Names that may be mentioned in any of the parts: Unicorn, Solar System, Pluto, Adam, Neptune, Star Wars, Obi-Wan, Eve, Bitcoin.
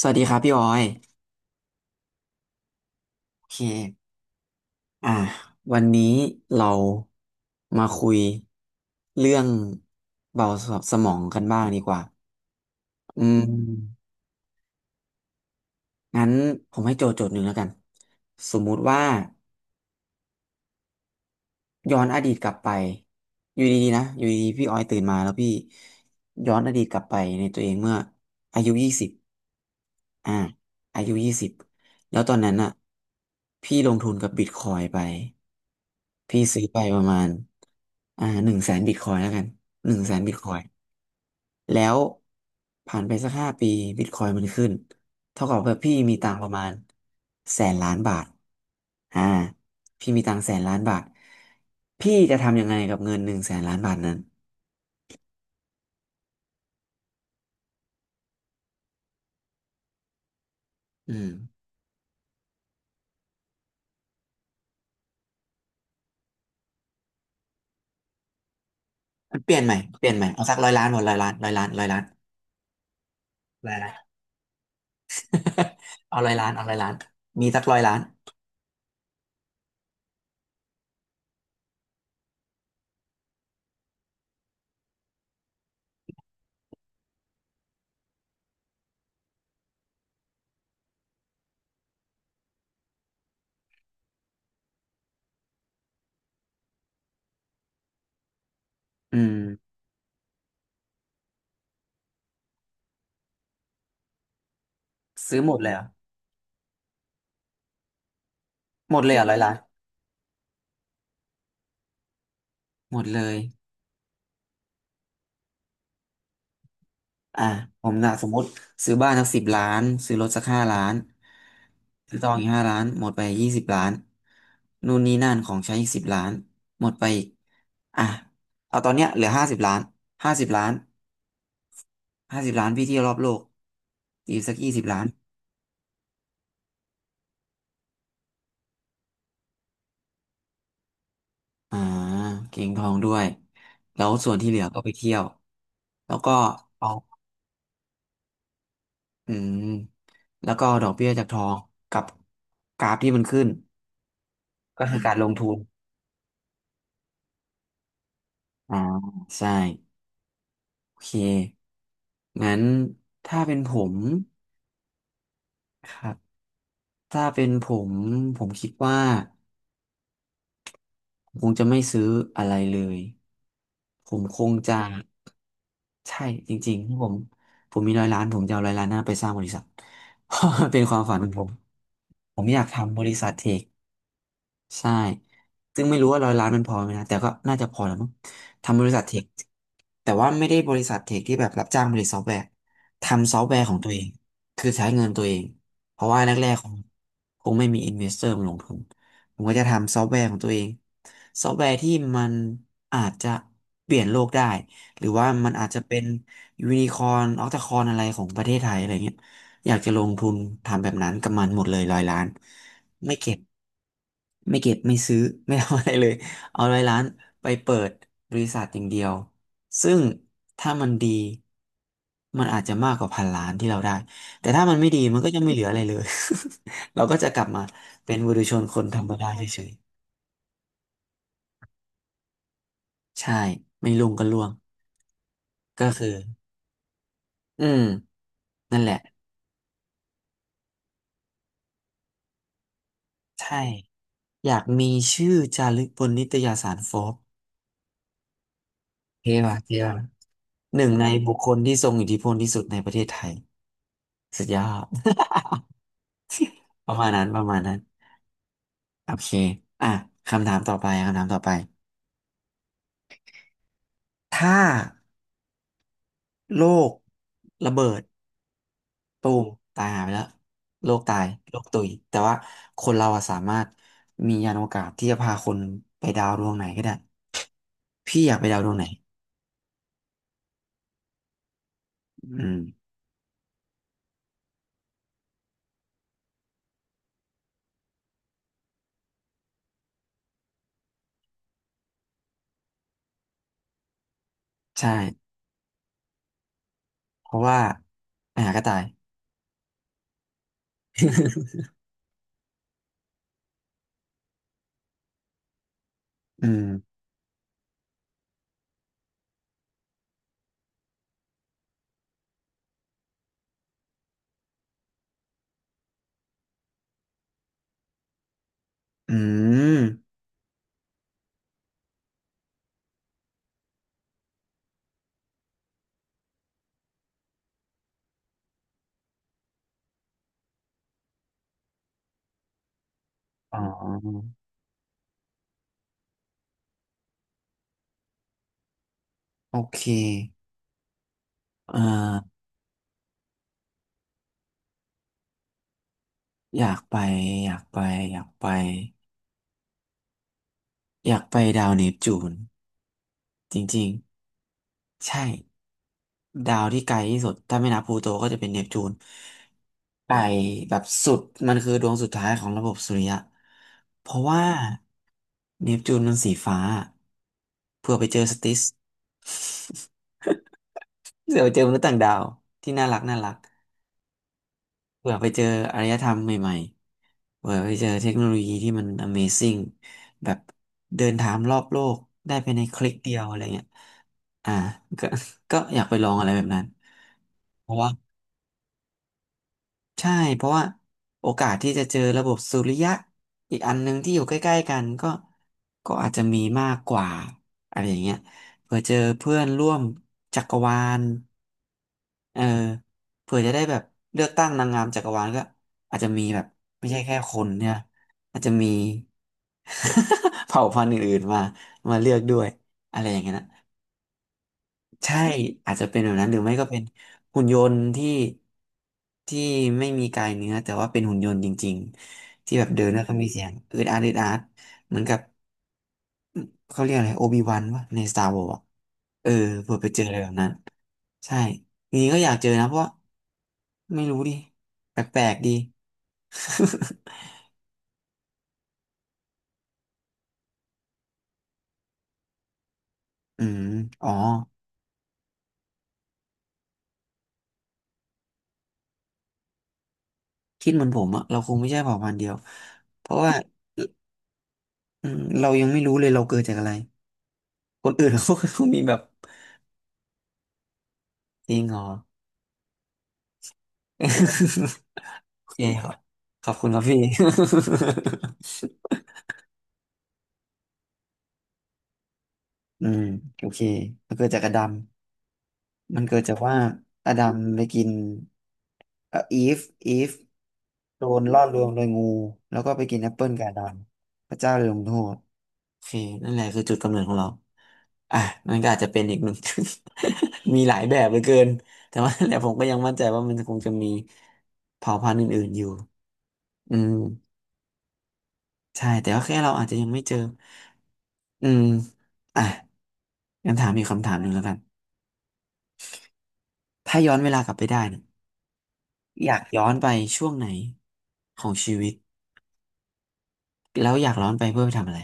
สวัสดีครับพี่ออยโอเคอ่าวันนี้เรามาคุยเรื่องเบาสมองกันบ้างดีกว่าอืมงั้นผมให้โจทย์หนึ่งแล้วกันสมมุติว่าย้อนอดีตกลับไปอยู่ดีๆนะอยู่ดีๆพี่ออยตื่นมาแล้วพี่ย้อนอดีตกลับไปในตัวเองเมื่ออายุยี่สิบอ่าอายุยี่สิบแล้วตอนนั้นอ่ะพี่ลงทุนกับบิตคอยไป พี่ซื้อไปประมาณหนึ่งแสนบิตคอยแล้วกันหนึ่งแสนบิตคอยแล้วผ่านไปสัก5 ปีบิตคอยมันขึ้นเท่ากับว่าพี่มีตังค์ประมาณแสนล้านบาทอ่าพี่มีตังค์แสนล้านบาทพี่จะทำยังไงกับเงิน100,000,000,000 บาทนั้นอืมเปลี่ยนใหม่เปลี่ยนใหม่เอาสักร้อยล้านหมดร้อยล้านร้อยล้านร้อยล้านหลาน เอา100,000,000เอาร้อยล้านมีสักร้อยล้านอืมซื้อหมดเลยเหรอหมดเลยเหรอร้อยล้านหมดเลย อ่าผมนะสมมติซื้อบ้านสักสิบล้านซื้อรถสักห้าล้านซื้อทองอีกห้าล้านหมดไปยี่สิบล้านนู่นนี่นั่นของใช้อีกสิบล้านหมดไปอีกอ่ะเอาตอนเนี้ยเหลือห้าสิบล้านห้าสิบล้านห้าสิบล้านพี่เที่ยวรอบโลกอีสักยี่สิบล้านอ่าเก็งทองด้วยแล้วส่วนที่เหลือก็ไปเที่ยวแล้วก็เอาอืมแล้วก็เอาดอกเบี้ยจากทองกับกราฟที่มันขึ้นก็คือการลงทุนอ่าใช่ โอเคงั้นถ้าเป็นผมครับถ้าเป็นผมผมคิดว่าผมคงจะไม่ซื้ออะไรเลย ผมคงจะใช่จริงๆที่ผมมีร้อยล้านผมจะเอาร้อยล้านหน้าไปสร้างบริษัท เพราะมันเป็นความฝันของผม ผมอยากทำบริษัทเทค ใช่ซึ่งไม่รู้ว่าร้อยล้านมันพอไหมนะ แต่ก็น่าจะพอแล้วมั้งทำบริษัทเทค แต่ว่าไม่ได้บริษัทเทคที่แบบรับจ้างผลิตซอฟต์แวร์ทำซอฟต์แวร์ของตัวเอง คือใช้เงินตัวเอง เพราะว่าแรกๆคงไม่มีอินเวสเตอร์มาลงทุน ผมก็จะทำซอฟต์แวร์ของตัวเองซอฟต์แวร์ที่มันอาจจะเปลี่ยนโลกได้ หรือว่ามันอาจจะเป็นยูนิคอร์นออคตาคอนอะไรของประเทศไทยอะไรเงี้ยอยากจะลงทุนทำแบบนั้นกับมันหมดเลยร้อยล้าน ไม่เก็บไม่เก็บไม่ซื้อ ไม่ทำอะไรเลยเอาร้อยล้านไปเปิดบริษัทอย่างเดียวซึ่งถ้ามันดีมันอาจจะมากกว่า1,000,000,000ที่เราได้แต่ถ้ามันไม่ดีมันก็จะไม่เหลืออะไรเลย เราก็จะกลับมาเป็นบุถุษชนคนธรรมดาเฉยๆใช่ไม่ลุงก็ล่วงก็คืออืมนั่นแหละใช่อยากมีชื่อจารึกบนนิตยสารโฟบเท่ว่ะเท่ว่ะหนึ่งในบุคคลที่ทรงอิทธิพลที่สุดในประเทศไทย สุดยอด ประมาณนั้นประมาณนั้นโอเคอ่ะคำถามต่อไปคำถามต่อไปถ้าโลกระเบิดตูมตายหายไปแล้วโลกตายโลกตุยแต่ว่าคนเราอะสามารถมียานอวกาศที่จะพาคนไปดาวดวงไหนก็ได้พี่อยากไปดาวดวงไหนอืมใช่เพราะว่าไปหาก็ตายอืมอืมอ๋อโอเคเอ่ออยากไปอยากไปอยากไปอยากไปดาวเนปจูน จริงๆใช่ดาวที่ไกลที่สุดถ้าไม่นับพลูโตก็จะเป็นเนปจูนไกลแบบสุดมันคือดวงสุดท้ายของระบบสุริยะเพราะว่าเนปจูนมันสีฟ้าเผื่อไปเจอสติส เผื่อไปเจอมนุษย์ต่างดาวที่น่ารักน่ารักเผื่อไปเจออารยธรรมใหม่ๆเผื่อไปเจอเทคโนโลยีที่มัน Amazing แบบเดินทางรอบโลกได้ภายในคลิกเดียวอะไรเงี้ยอ่าก็ ก็อยากไปลองอะไรแบบนั้นเพราะว่า ใช่เพราะว่าโอกาสที่จะเจอระบบสุริยะอีกอันหนึ่งที่อยู่ใกล้ๆกันก็อาจจะมีมากกว่าอะไรอย่างเงี้ยเผื่อเจอเพื่อนร่วมจักรวาลเออเผื่อจะได้แบบเลือกตั้งนางงามจักรวาลก็อาจจะมีแบบไม่ใช่แค่คนเนี่ยอาจจะมี เผ่าพันธุ์อื่นๆมามาเลือกด้วยอะไรอย่างเงี้ยนะ ใช่อาจจะเป็นแบบนั้นหรือไม่ก็เป็นหุ่นยนต์ที่ที่ไม่มีกายเนื้อแต่ว่าเป็นหุ่นยนต์จริงๆที่แบบเดินแล้วก็มีเสียงอืดอาดอืดอาดเหมือนกับเขาเรียกอะไรโอบิวันวะใน Star Wars อะเออเผื่อไปเจออะไรแบบนั้นใช่จริงๆก็อยากเจอนะเพราะว่าไม่รู้ดิแปลกๆดี อืมอ๋อคิดเหมือนผมอะเราคงไม่ใช่เผ่าพันธุ์เดียวเพราะว่าเรายังไม่รู้เลยเราเกิดจากอะไรคนอื่น เขาก็มีแบบ จริงเหรอ โอเคครับขอบคุณครับพี่ อืมโอเคมันเกิดจากอดัมมันเกิดจากว่าอดัมไปกินอีฟอีฟโดนล่อลวงโดยงูแล้วก็ไปกินแอปเปิลกับอดัมพระเจ้าเลยลงโทษโอเคนั่นแหละคือจุดกำเนิดของเราอ่ะมันก็อาจจะเป็นอีกหนึ่ง มีหลายแบบเหลือเกินแต่ว่านั่นแหละผมก็ยังมั่นใจว่ามันคงจะมีเผ่าพันธุ์อื่นๆอยู่อืมใช่แต่ว่าแค่เราอาจจะยังไม่เจอ อืมอ่ะงั้นถามอีกคำถามหนึ่งแล้วกันถ้าย้อนเวลากลับไปได้เนี่ยอยากย้อนไปช่วงไหนของชีวิตแล้วอยากย้อนไปเพื่อไปทำอะไร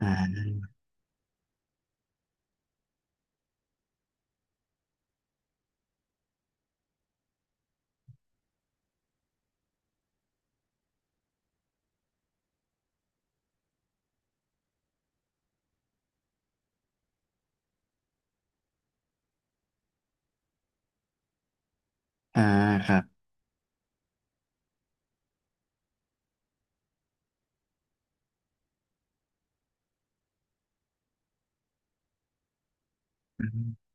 อ่าอ่าครับอืม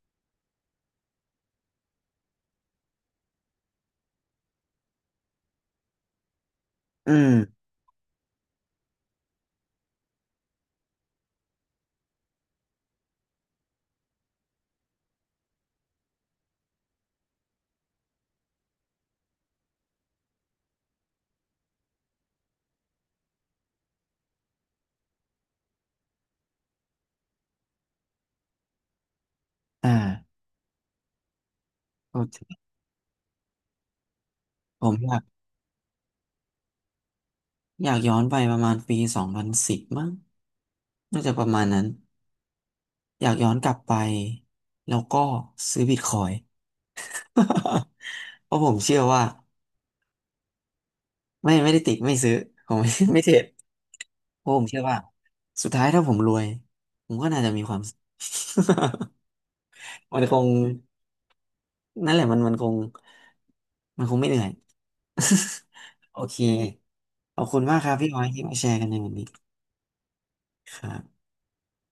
อืมอ่าโอเคผมอยากย้อนไปประมาณปี2010มั้งน่าจะประมาณนั้นอยากย้อนกลับไปแล้วก็ซื้อบิตคอย เพราะผมเชื่อว่าไม่ได้ติดไม่ซื้อผมไม่ ไม่เทรด เพราะผมเชื่อว่าสุดท้ายถ้าผมรวยผมก็น่าจะมีความ สุข มันคงนั่นแหละมันคงไม่เหนื่อย โอเคขอบคุณมากครับพี่ออยที่มาแชร์กันในวันนี้ครับ